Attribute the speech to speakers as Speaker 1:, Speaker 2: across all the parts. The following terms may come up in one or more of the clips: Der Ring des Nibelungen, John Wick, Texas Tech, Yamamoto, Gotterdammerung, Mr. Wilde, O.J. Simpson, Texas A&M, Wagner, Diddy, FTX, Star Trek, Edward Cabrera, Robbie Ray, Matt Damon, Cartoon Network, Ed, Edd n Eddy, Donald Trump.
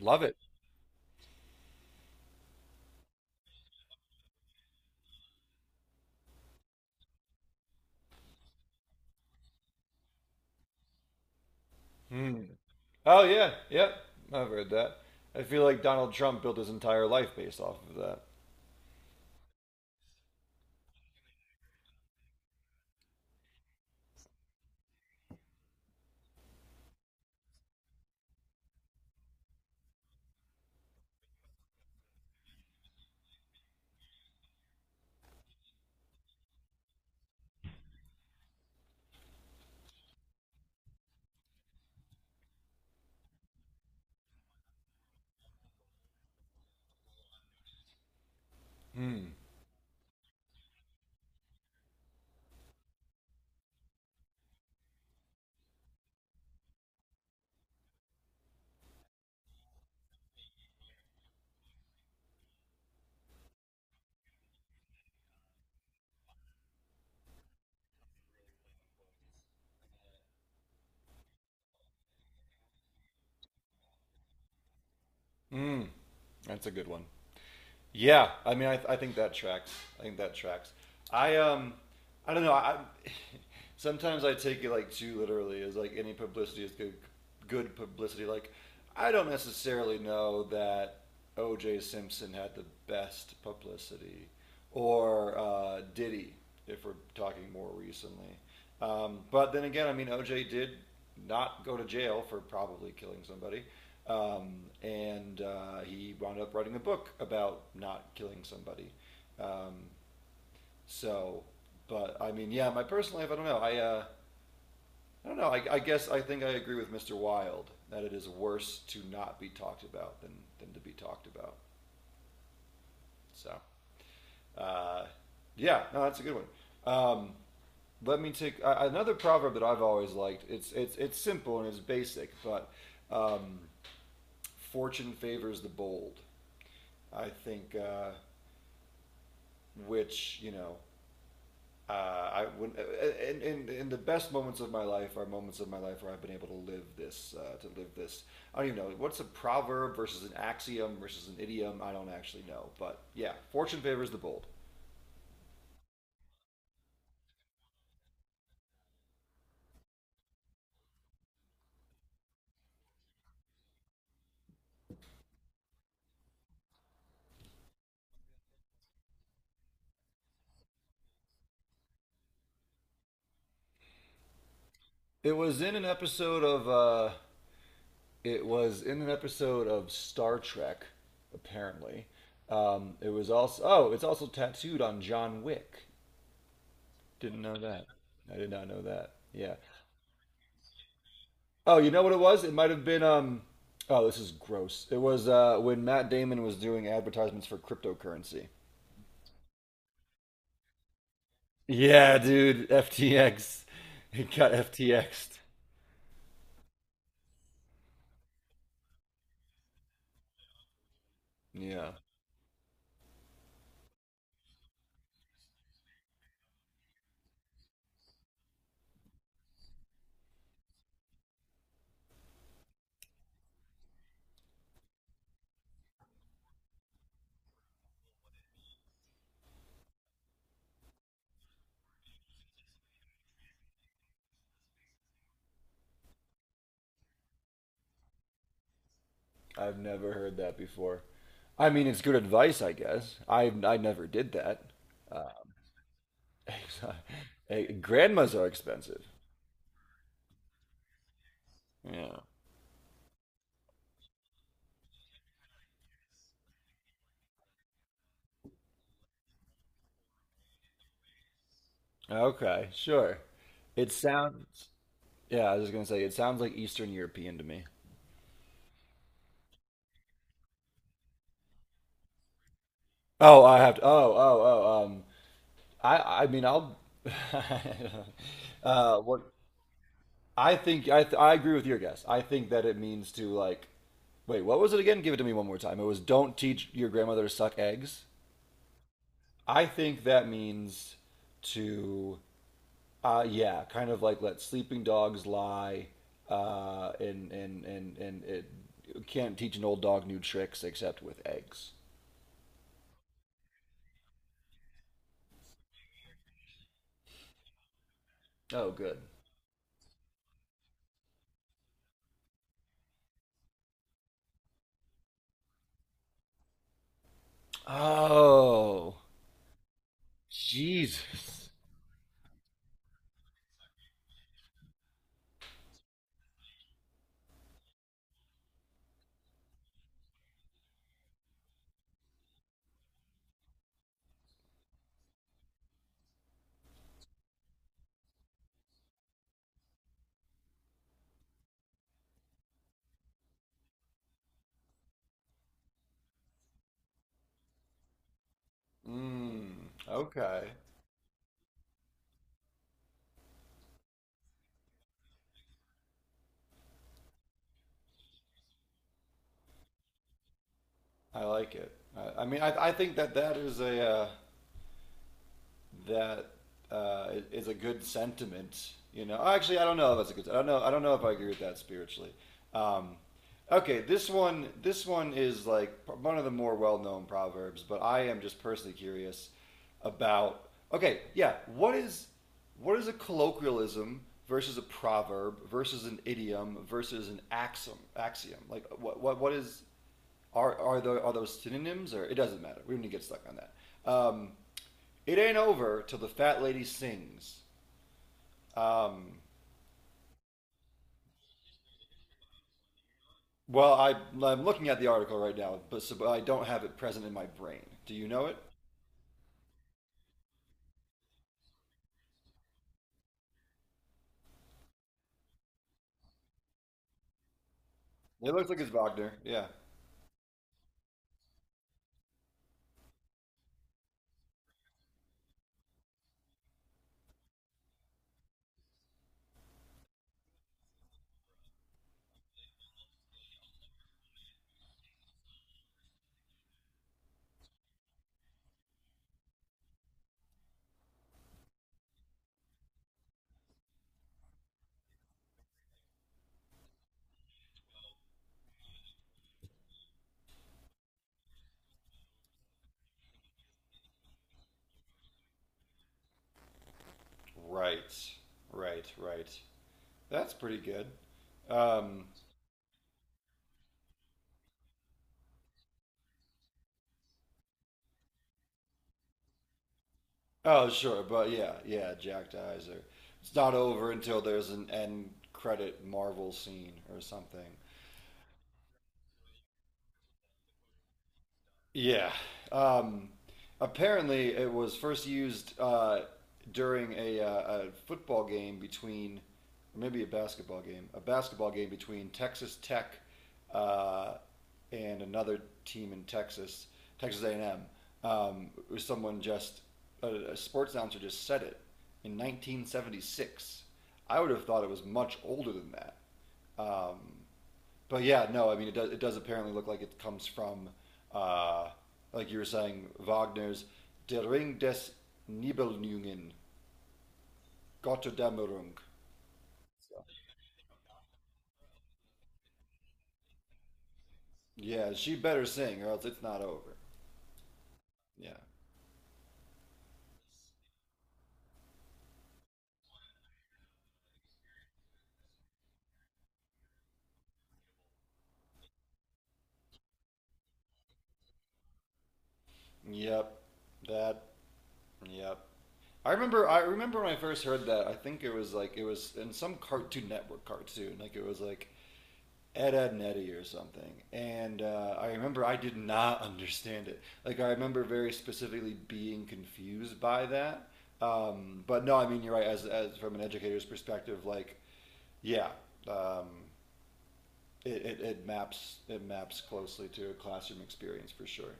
Speaker 1: Love it. Hmm. Oh yeah, yep. I've heard that. I feel like Donald Trump built his entire life based off of that. Hmm. Hmm. That's a good one. Yeah, I mean, I think that tracks. I think that tracks. I um, I don't know. I sometimes I take it like too literally. As like any publicity is good, good publicity. Like I don't necessarily know that O.J. Simpson had the best publicity, or Diddy, if we're talking more recently. But then again, I mean, O.J. did not go to jail for probably killing somebody. Um, and He wound up writing a book about not killing somebody. Um, so, but I mean, yeah, my personal life, I don't know. I don't know. I guess I think I agree with Mr. Wilde that it is worse to not be talked about than than, to be talked about. So, uh, yeah, no, that's a good one. Um, Let me take another proverb that I've always liked. It's simple and it's basic, but um, fortune favors the bold. I think which you know I would and the best moments of my life are moments of my life where I've been able to live this to live this. I don't even know what's a proverb versus an axiom versus an idiom. I don't actually know, but yeah, fortune favors the bold. It was in an episode of it was in an episode of Star Trek apparently. It was also, oh, it's also tattooed on John Wick. Didn't know that. I did not know that, yeah. Oh, you know what it was? It might have been. Oh, this is gross. It was when Matt Damon was doing advertisements for cryptocurrency. Yeah, dude, FTX. It got FTXed. Yeah, I've never heard that before. I mean, it's good advice, I guess. I never did that. Uh, eh, grandmas are expensive. Yeah. Okay, sure. It sounds. Yeah, I was just gonna say it sounds like Eastern European to me. Oh, I have to. Oh, oh, oh. I mean I'll what. I think I agree with your guess. I think that it means to like, wait, what was it again? Give it to me one more time. It was don't teach your grandmother to suck eggs. I think that means to yeah, kind of like let sleeping dogs lie, and it, you can't teach an old dog new tricks except with eggs. Oh, good. Oh, Jesus. Mm, okay. I like it. I mean, I think that that is a good sentiment. You know, oh, actually, I don't know if that's a good. I don't know. I don't know if I agree with that spiritually. Um, okay, this one. This one is like one of the more well-known proverbs, but I am just personally curious about. Okay, yeah. What is, what is a colloquialism versus a proverb versus an idiom versus an axiom? Axiom. Like, what is, are there, are those synonyms, or it doesn't matter. We don't need to get stuck on that. It ain't over till the fat lady sings. Um, well, I'm looking at the article right now, but, so, but I don't have it present in my brain. Do you know it? It looks like it's Wagner. Yeah. Right. Right. Right. That's pretty good. Um, oh, sure. But yeah, yeah. Jack dies, or it's not over until there's an end credit Marvel scene or something. Yeah. Um, Apparently, it was first used during a football game between, or maybe a basketball game between Texas Tech uh, and another team in Texas, Texas A&M. It was someone just a sports announcer just said it in 1976. I would have thought it was much older than that. Um, but yeah, no, I mean, it does apparently look like it comes from, uh, like you were saying, Wagner's Der Ring des Nibelungen, Gotterdammerung. Yeah, she better sing or else it's not over. Yeah. Yep. That. Yep. I remember. I remember when I first heard that. I think it was like it was in some Cartoon Network cartoon. Like it was like Ed, Ed, and Eddie or something. And I remember I did not understand it. Like, I remember very specifically being confused by that. But no, I mean, you're right. As from an educator's perspective, like, yeah, um, it, it maps, it maps closely to a classroom experience for sure.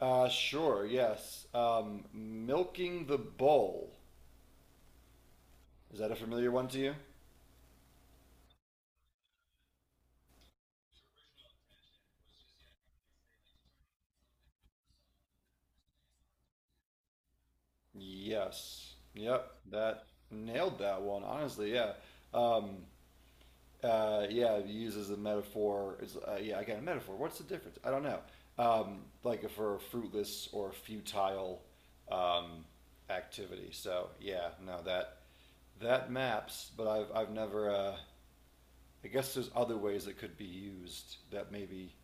Speaker 1: Sure, yes. Milking the bowl. Is that a familiar one to you? Yes. Yep. That nailed that one. Honestly, yeah. Um, yeah, uses a metaphor. It's, yeah, again, a metaphor. What's the difference? I don't know. Like for fruitless or futile um, activity. So yeah, no, that, that maps. But I've never. I guess there's other ways it could be used that maybe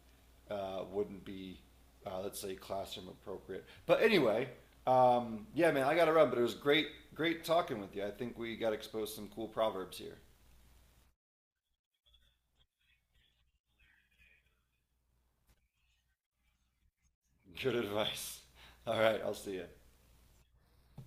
Speaker 1: wouldn't be, let's say, classroom appropriate. But anyway, yeah, man, I got to run. But it was great, great talking with you. I think we got exposed to some cool proverbs here. Good advice. All right, I'll see you.